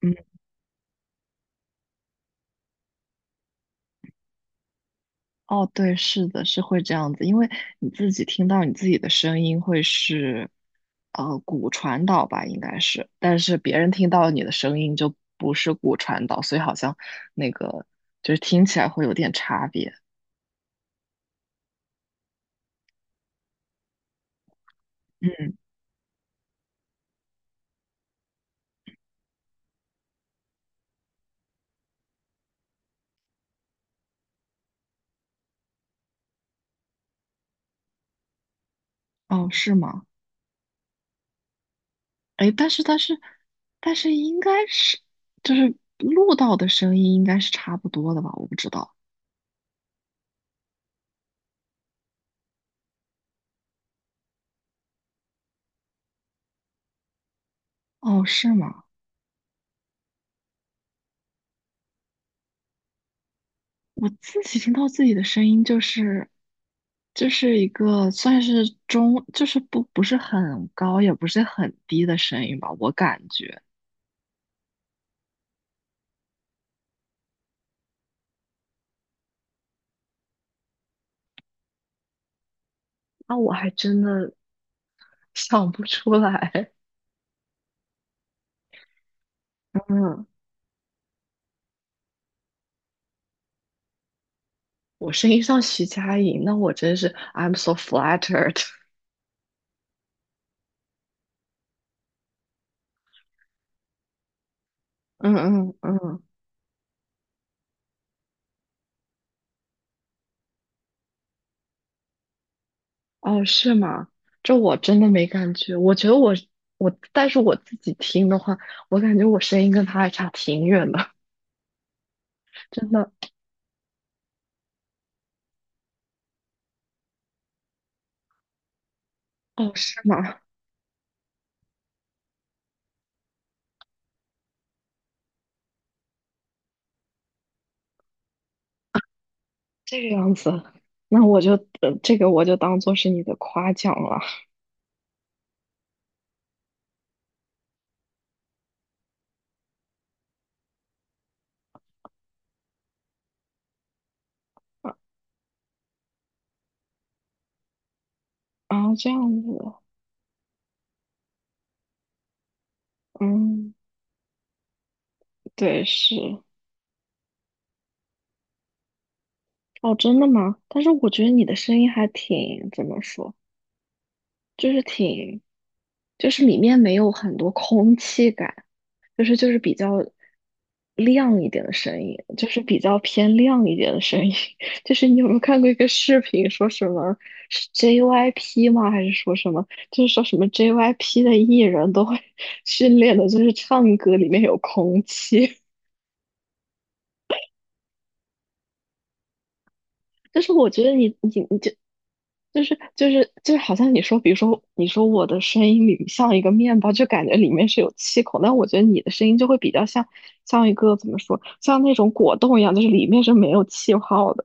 嗯，哦，对，是的，是会这样子，因为你自己听到你自己的声音会是，骨传导吧，应该是，但是别人听到你的声音就不是骨传导，所以好像那个就是听起来会有点差别。嗯，哦，是吗？哎，但是应该是就是录到的声音应该是差不多的吧？我不知道。哦，是吗？我自己听到自己的声音，就是一个算是中，就是不是很高，也不是很低的声音吧，我感觉。那我还真的 想不出来，嗯我声音像徐佳莹，那我真是 I'm so flattered。嗯嗯嗯，哦，是吗？这我真的没感觉。我觉得我，但是我自己听的话，我感觉我声音跟他还差挺远的，真的。哦，是吗？这个样子，那我就这个我就当做是你的夸奖了。啊，这样子，嗯，对，是，哦，真的吗？但是我觉得你的声音还挺，怎么说，就是挺，就是里面没有很多空气感，就是比较亮一点的声音，就是比较偏亮一点的声音。就是你有没有看过一个视频，说什么是 JYP 吗？还是说什么？就是说什么 JYP 的艺人都会 训练的，就是唱歌里面有空气。但是我觉得你就。就是，好像你说，比如说你说我的声音里像一个面包，就感觉里面是有气孔，但我觉得你的声音就会比较像像一个怎么说，像那种果冻一样，就是里面是没有气泡的。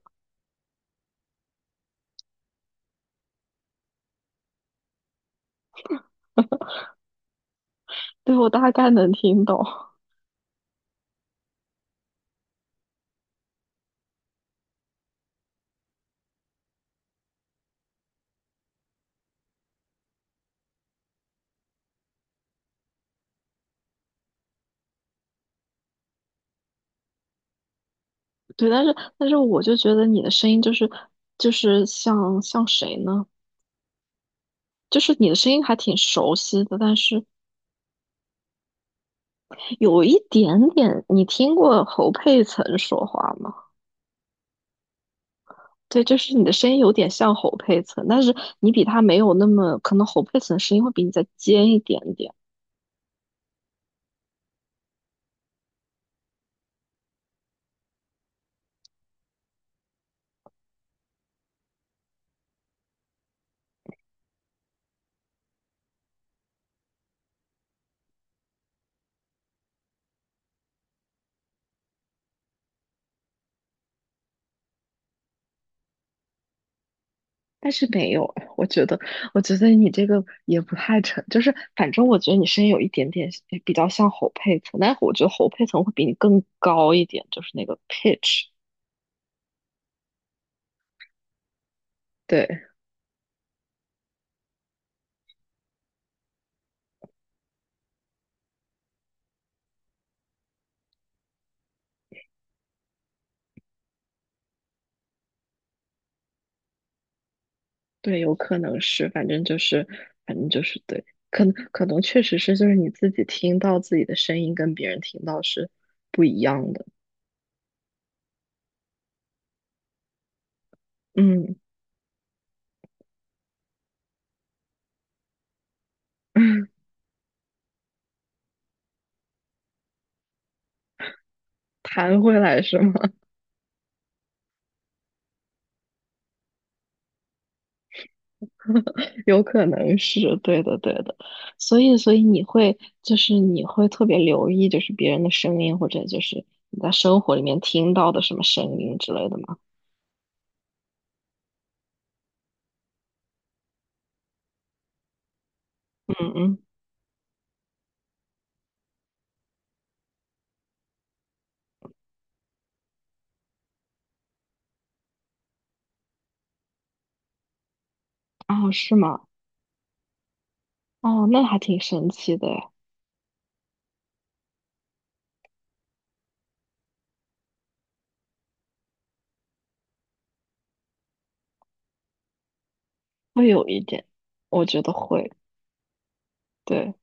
对，我大概能听懂。对，但是我就觉得你的声音就是像谁呢？就是你的声音还挺熟悉的，但是有一点点，你听过侯佩岑说话吗？对，就是你的声音有点像侯佩岑，但是你比他没有那么，可能侯佩岑声音会比你再尖一点点。但是没有，我觉得你这个也不太成，就是反正我觉得你声音有一点点比较像侯佩岑，但是我觉得侯佩岑会比你更高一点，就是那个 pitch。对对，有可能是，反正就是对，可能确实是，就是你自己听到自己的声音跟别人听到是不一样的。嗯，弹回来是吗？有可能是对的，对的。所以你会就是你会特别留意就是别人的声音，或者就是你在生活里面听到的什么声音之类的吗？嗯嗯，哦，是吗？哦，那还挺神奇的诶，会有一点，我觉得会。对，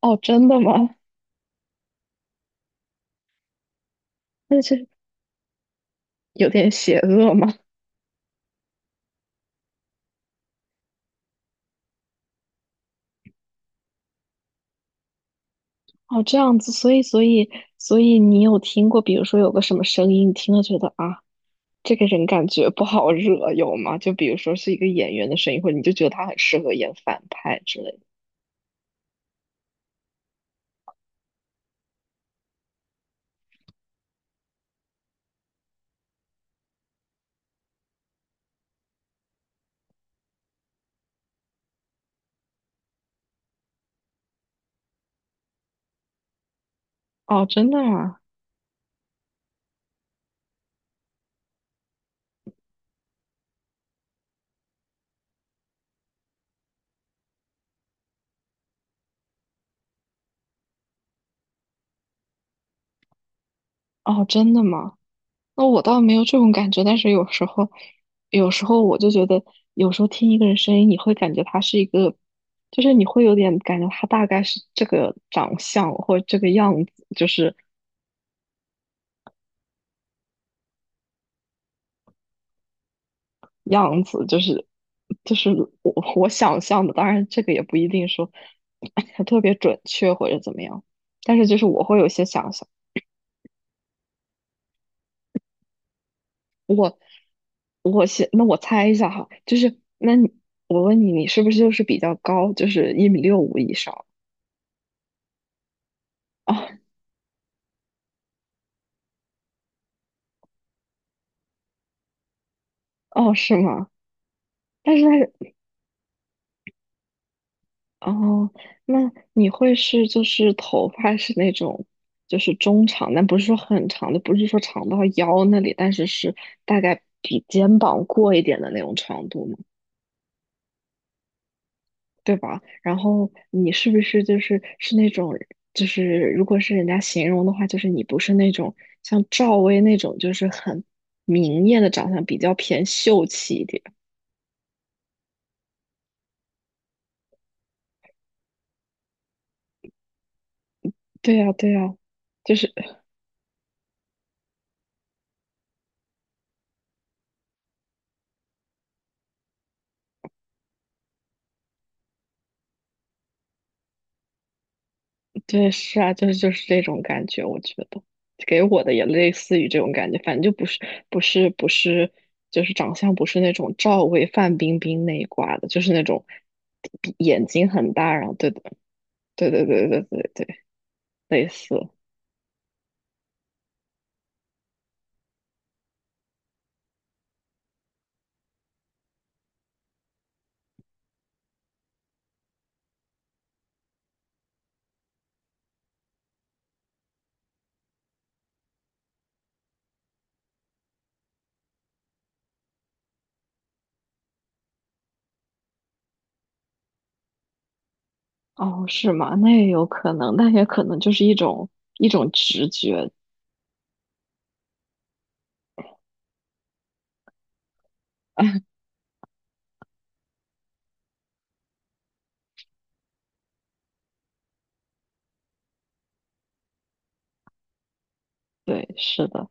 哦，真的吗？那是有点邪恶吗？哦，这样子，所以你有听过，比如说有个什么声音，你听了觉得啊。这个人感觉不好惹，有吗？就比如说是一个演员的声音，或者你就觉得他很适合演反派之类的。哦，真的啊？哦，真的吗？那我倒没有这种感觉，但是有时候我就觉得，有时候听一个人声音，你会感觉他是一个，就是你会有点感觉他大概是这个长相或者这个样子，就是样子，就是我想象的，当然这个也不一定说 特别准确或者怎么样，但是就是我会有些想象，我先那我猜一下哈，就是那你我问你，你是不是就是比较高，就是1.65米以上？哦哦，是吗？但是它是哦，那你会是就是头发是那种就是中长，但不是说很长的，不是说长到腰那里，但是是大概比肩膀过一点的那种长度吗？对吧？然后你是不是就是是那种，就是如果是人家形容的话，就是你不是那种像赵薇那种，就是很明艳的长相，比较偏秀气一点。对呀，对呀，就是 对，是啊，就是这种感觉，我觉得给我的也类似于这种感觉，反正就不是不是不是，就是长相不是那种赵薇、范冰冰那一挂的，就是那种眼睛很大，然后对的，对对对对对对，类似。哦，是吗？那也有可能，那也可能就是一种直觉。对，是的。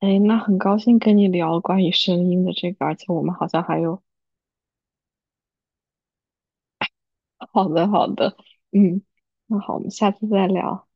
哎，那很高兴跟你聊关于声音的这个，而且我们好像还有 好的好的，嗯，那好，我们下次再聊。